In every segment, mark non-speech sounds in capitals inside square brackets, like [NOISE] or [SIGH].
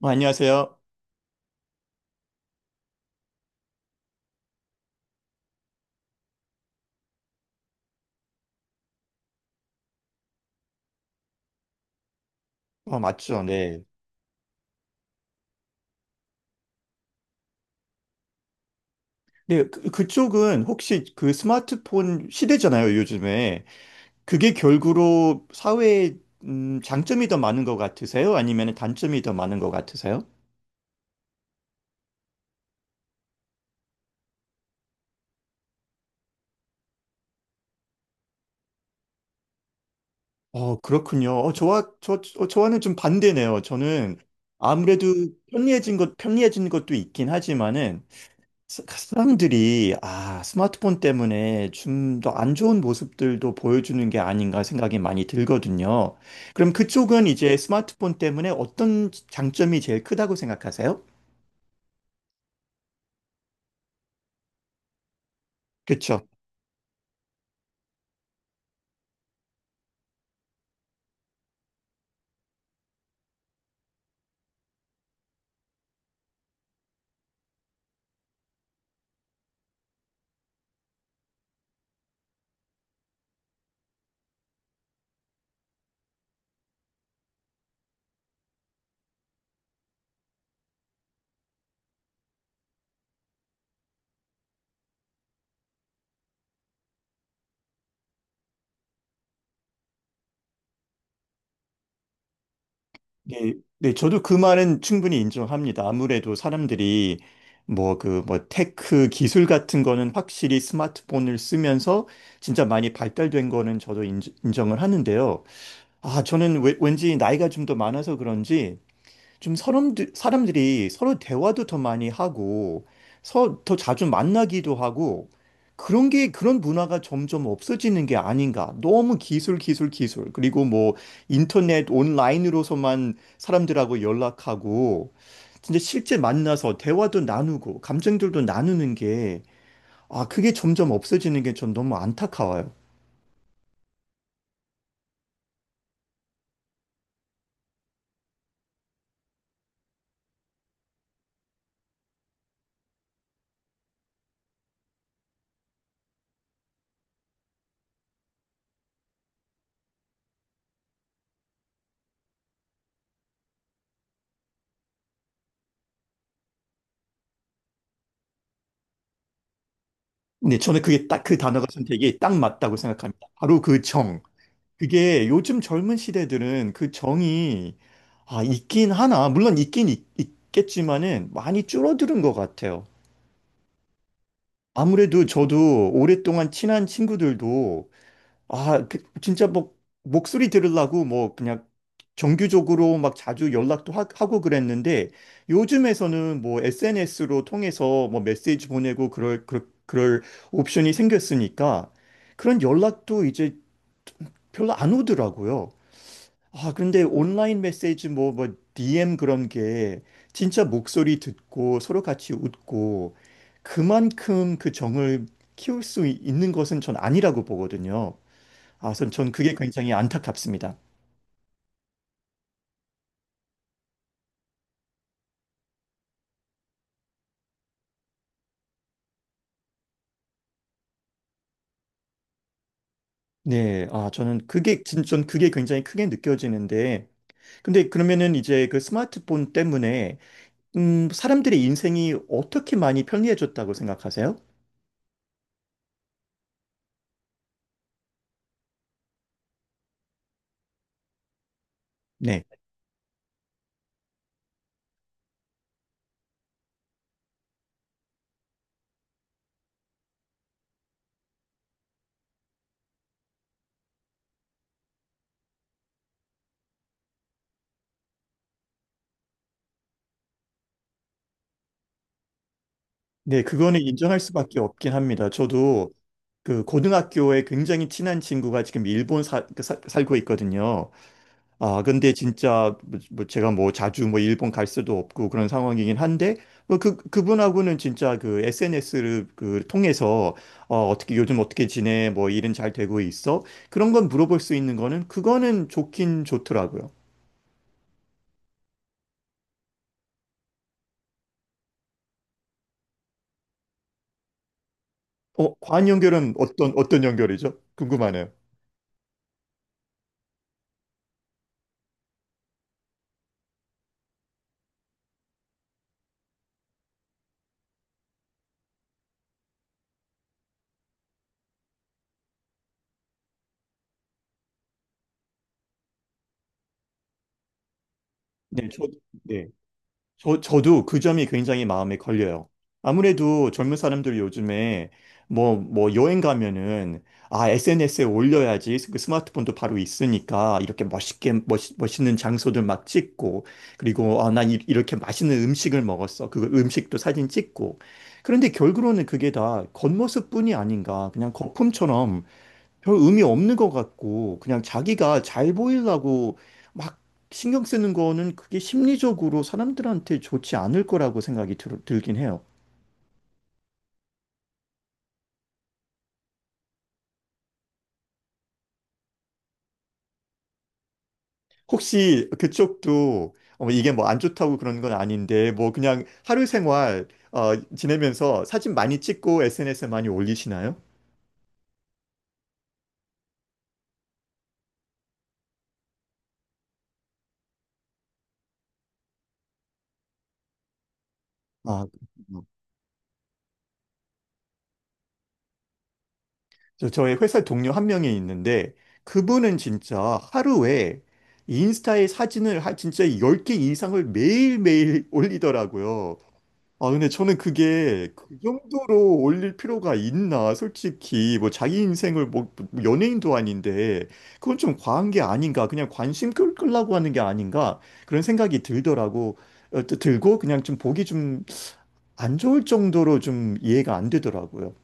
안녕하세요. 맞죠. 네. 네, 그쪽은 혹시 그 스마트폰 시대잖아요, 요즘에. 그게 결국으로 사회에 장점이 더 많은 것 같으세요? 아니면 단점이 더 많은 것 같으세요? 그렇군요. 저와는 좀 반대네요. 저는 아무래도 편리해진 것도 있긴 하지만은 사람들이 스마트폰 때문에 좀 더 안 좋은 모습들도 보여주는 게 아닌가 생각이 많이 들거든요. 그럼 그쪽은 이제 스마트폰 때문에 어떤 장점이 제일 크다고 생각하세요? 그렇죠. 네, 네, 저도 그 말은 충분히 인정합니다. 아무래도 사람들이 뭐 그 뭐 테크 기술 같은 거는 확실히 스마트폰을 쓰면서 진짜 많이 발달된 거는 저도 정을 하는데요. 저는 왠지 나이가 좀 더 많아서 그런지 좀 사람들이 서로 대화도 더 많이 하고, 더 자주 만나기도 하고, 그런 문화가 점점 없어지는 게 아닌가. 너무 기술, 기술, 기술. 그리고 뭐, 인터넷 온라인으로서만 사람들하고 연락하고, 진짜 실제 만나서 대화도 나누고, 감정들도 나누는 게, 그게 점점 없어지는 게 전 너무 안타까워요. 네, 저는 그게 딱 그 단어가 선택이 딱 맞다고 생각합니다. 바로 그 정. 그게 요즘 젊은 시대들은 그 정이 있긴 하나. 물론 겠지만은 많이 줄어드는 것 같아요. 아무래도 저도 오랫동안 친한 친구들도 진짜 뭐 목소리 들으려고 뭐 그냥 정규적으로 막 자주 연락도 고 그랬는데 요즘에서는 뭐 SNS로 통해서 뭐 메시지 보내고 그럴 옵션이 생겼으니까 그런 연락도 이제 별로 안 오더라고요. 근데 온라인 메시지 DM 그런 게 진짜 목소리 듣고 서로 같이 웃고 그만큼 그 정을 키울 수 있는 것은 전 아니라고 보거든요. 전 그게 굉장히 안타깝습니다. 네, 전 그게 굉장히 크게 느껴지는데. 근데 그러면은 이제 그 스마트폰 때문에, 사람들의 인생이 어떻게 많이 편리해졌다고 생각하세요? 네. 네, 그거는 인정할 수밖에 없긴 합니다. 저도 그 고등학교에 굉장히 친한 친구가 지금 일본 살고 있거든요. 근데 진짜 뭐 제가 뭐 자주 뭐 일본 갈 수도 없고 그런 상황이긴 한데 뭐 그분하고는 진짜 그 SNS를 그 통해서 어떻게 요즘 어떻게 지내? 뭐 일은 잘 되고 있어? 그런 건 물어볼 수 있는 거는 그거는 좋긴 좋더라고요. 과한 연결은 어떤 연결이죠? 궁금하네요. 네, 저도 그 점이 굉장히 마음에 걸려요. 아무래도 젊은 사람들 요즘에 뭐 여행 가면은 SNS에 올려야지 그 스마트폰도 바로 있으니까 이렇게 멋있는 장소들 막 찍고 그리고 난 이렇게 맛있는 음식을 먹었어. 그 음식도 사진 찍고. 그런데 결국은 그게 다 겉모습뿐이 아닌가. 그냥 거품처럼 별 의미 없는 것 같고 그냥 자기가 잘 보이려고 막 신경 쓰는 거는 그게 심리적으로 사람들한테 좋지 않을 거라고 생각이 들긴 해요. 혹시 그쪽도 이게 뭐 안 좋다고 그런 건 아닌데 뭐 그냥 하루 생활 지내면서 사진 많이 찍고 SNS에 많이 올리시나요? 아, 그렇 저의 회사 동료 한 명이 있는데 그분은 진짜 하루에 인스타에 사진을 한 진짜 10개 이상을 매일매일 [LAUGHS] 올리더라고요. 근데 저는 그게 그 정도로 올릴 필요가 있나? 솔직히, 뭐, 자기 인생을 뭐 연예인도 아닌데, 그건 좀 과한 게 아닌가? 그냥 관심 끌라고 하는 게 아닌가? 그런 생각이 들더라고. 또 들고, 그냥 좀 보기 좀 안 좋을 정도로 좀 이해가 안 되더라고요.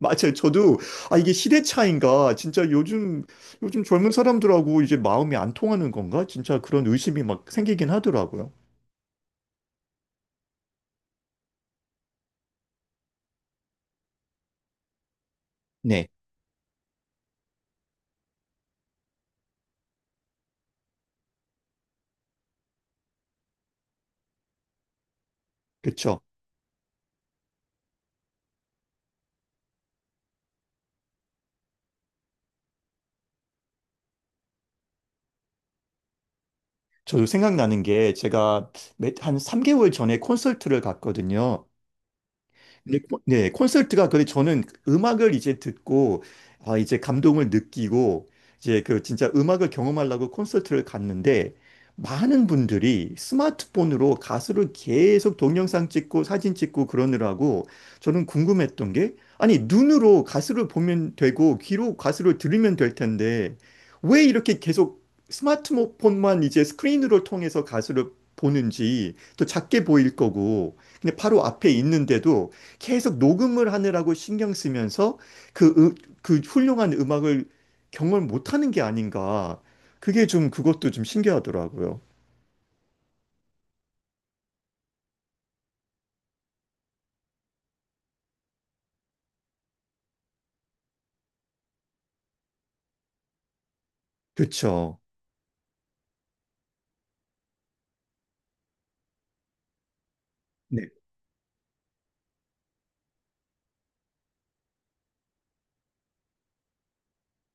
맞아요. 저도, 이게 시대 차인가? 진짜 요즘 젊은 사람들하고 이제 마음이 안 통하는 건가? 진짜 그런 의심이 막 생기긴 하더라고요. 네. 그쵸. 저 생각나는 게 제가 한 3개월 전에 콘서트를 갔거든요. 근데 네, 콘서트가 그래 저는 음악을 이제 듣고 이제 감동을 느끼고 이제 그 진짜 음악을 경험하려고 콘서트를 갔는데 많은 분들이 스마트폰으로 가수를 계속 동영상 찍고 사진 찍고 그러느라고 저는 궁금했던 게 아니 눈으로 가수를 보면 되고 귀로 가수를 들으면 될 텐데 왜 이렇게 계속 스마트폰만 이제 스크린으로 통해서 가수를 보는지 또 작게 보일 거고 근데 바로 앞에 있는데도 계속 녹음을 하느라고 신경 쓰면서 그, 으- 그 훌륭한 음악을 경험을 못하는 게 아닌가. 그게 좀 그것도 좀 신기하더라고요. 그쵸.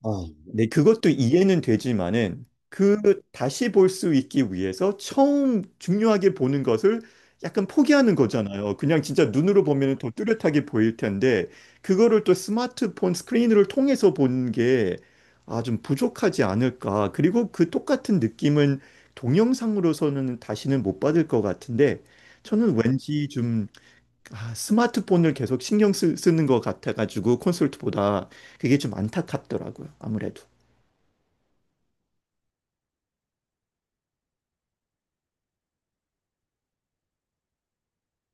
아, 네, 그것도 이해는 되지만은 그 다시 볼 수 있기 위해서 처음 중요하게 보는 것을 약간 포기하는 거잖아요. 그냥 진짜 눈으로 보면 더 뚜렷하게 보일 텐데 그거를 또 스마트폰 스크린을 통해서 보는 게 좀 부족하지 않을까. 그리고 그 똑같은 느낌은 동영상으로서는 다시는 못 받을 것 같은데 저는 왠지 좀 스마트폰을 계속 신경 는것 같아가지고 콘솔트보다 그게 좀 안타깝더라고요. 아무래도.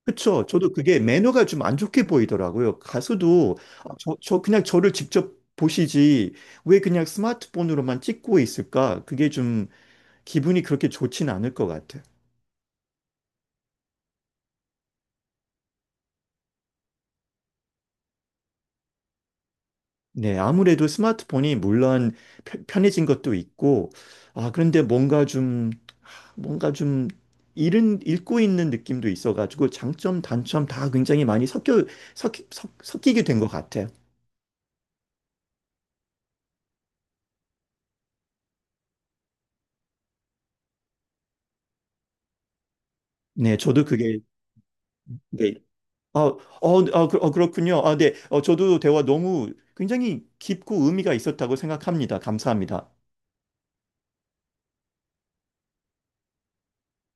그쵸. 저도 그게 매너가 좀 안 좋게 보이더라고요. 가수도 저 그냥 저를 직접 보시지 왜 그냥 스마트폰으로만 찍고 있을까? 그게 좀 기분이 그렇게 좋진 않을 것 같아요. 네, 아무래도 스마트폰이 물론 편해진 것도 있고, 그런데 뭔가 좀 읽고 있는 느낌도 있어가지고 장점, 단점 다 굉장히 많이 섞이게 된 것 같아요. 네, 저도 그게, 네. 그렇군요. 네. 저도 대화 너무 굉장히 깊고 의미가 있었다고 생각합니다. 감사합니다.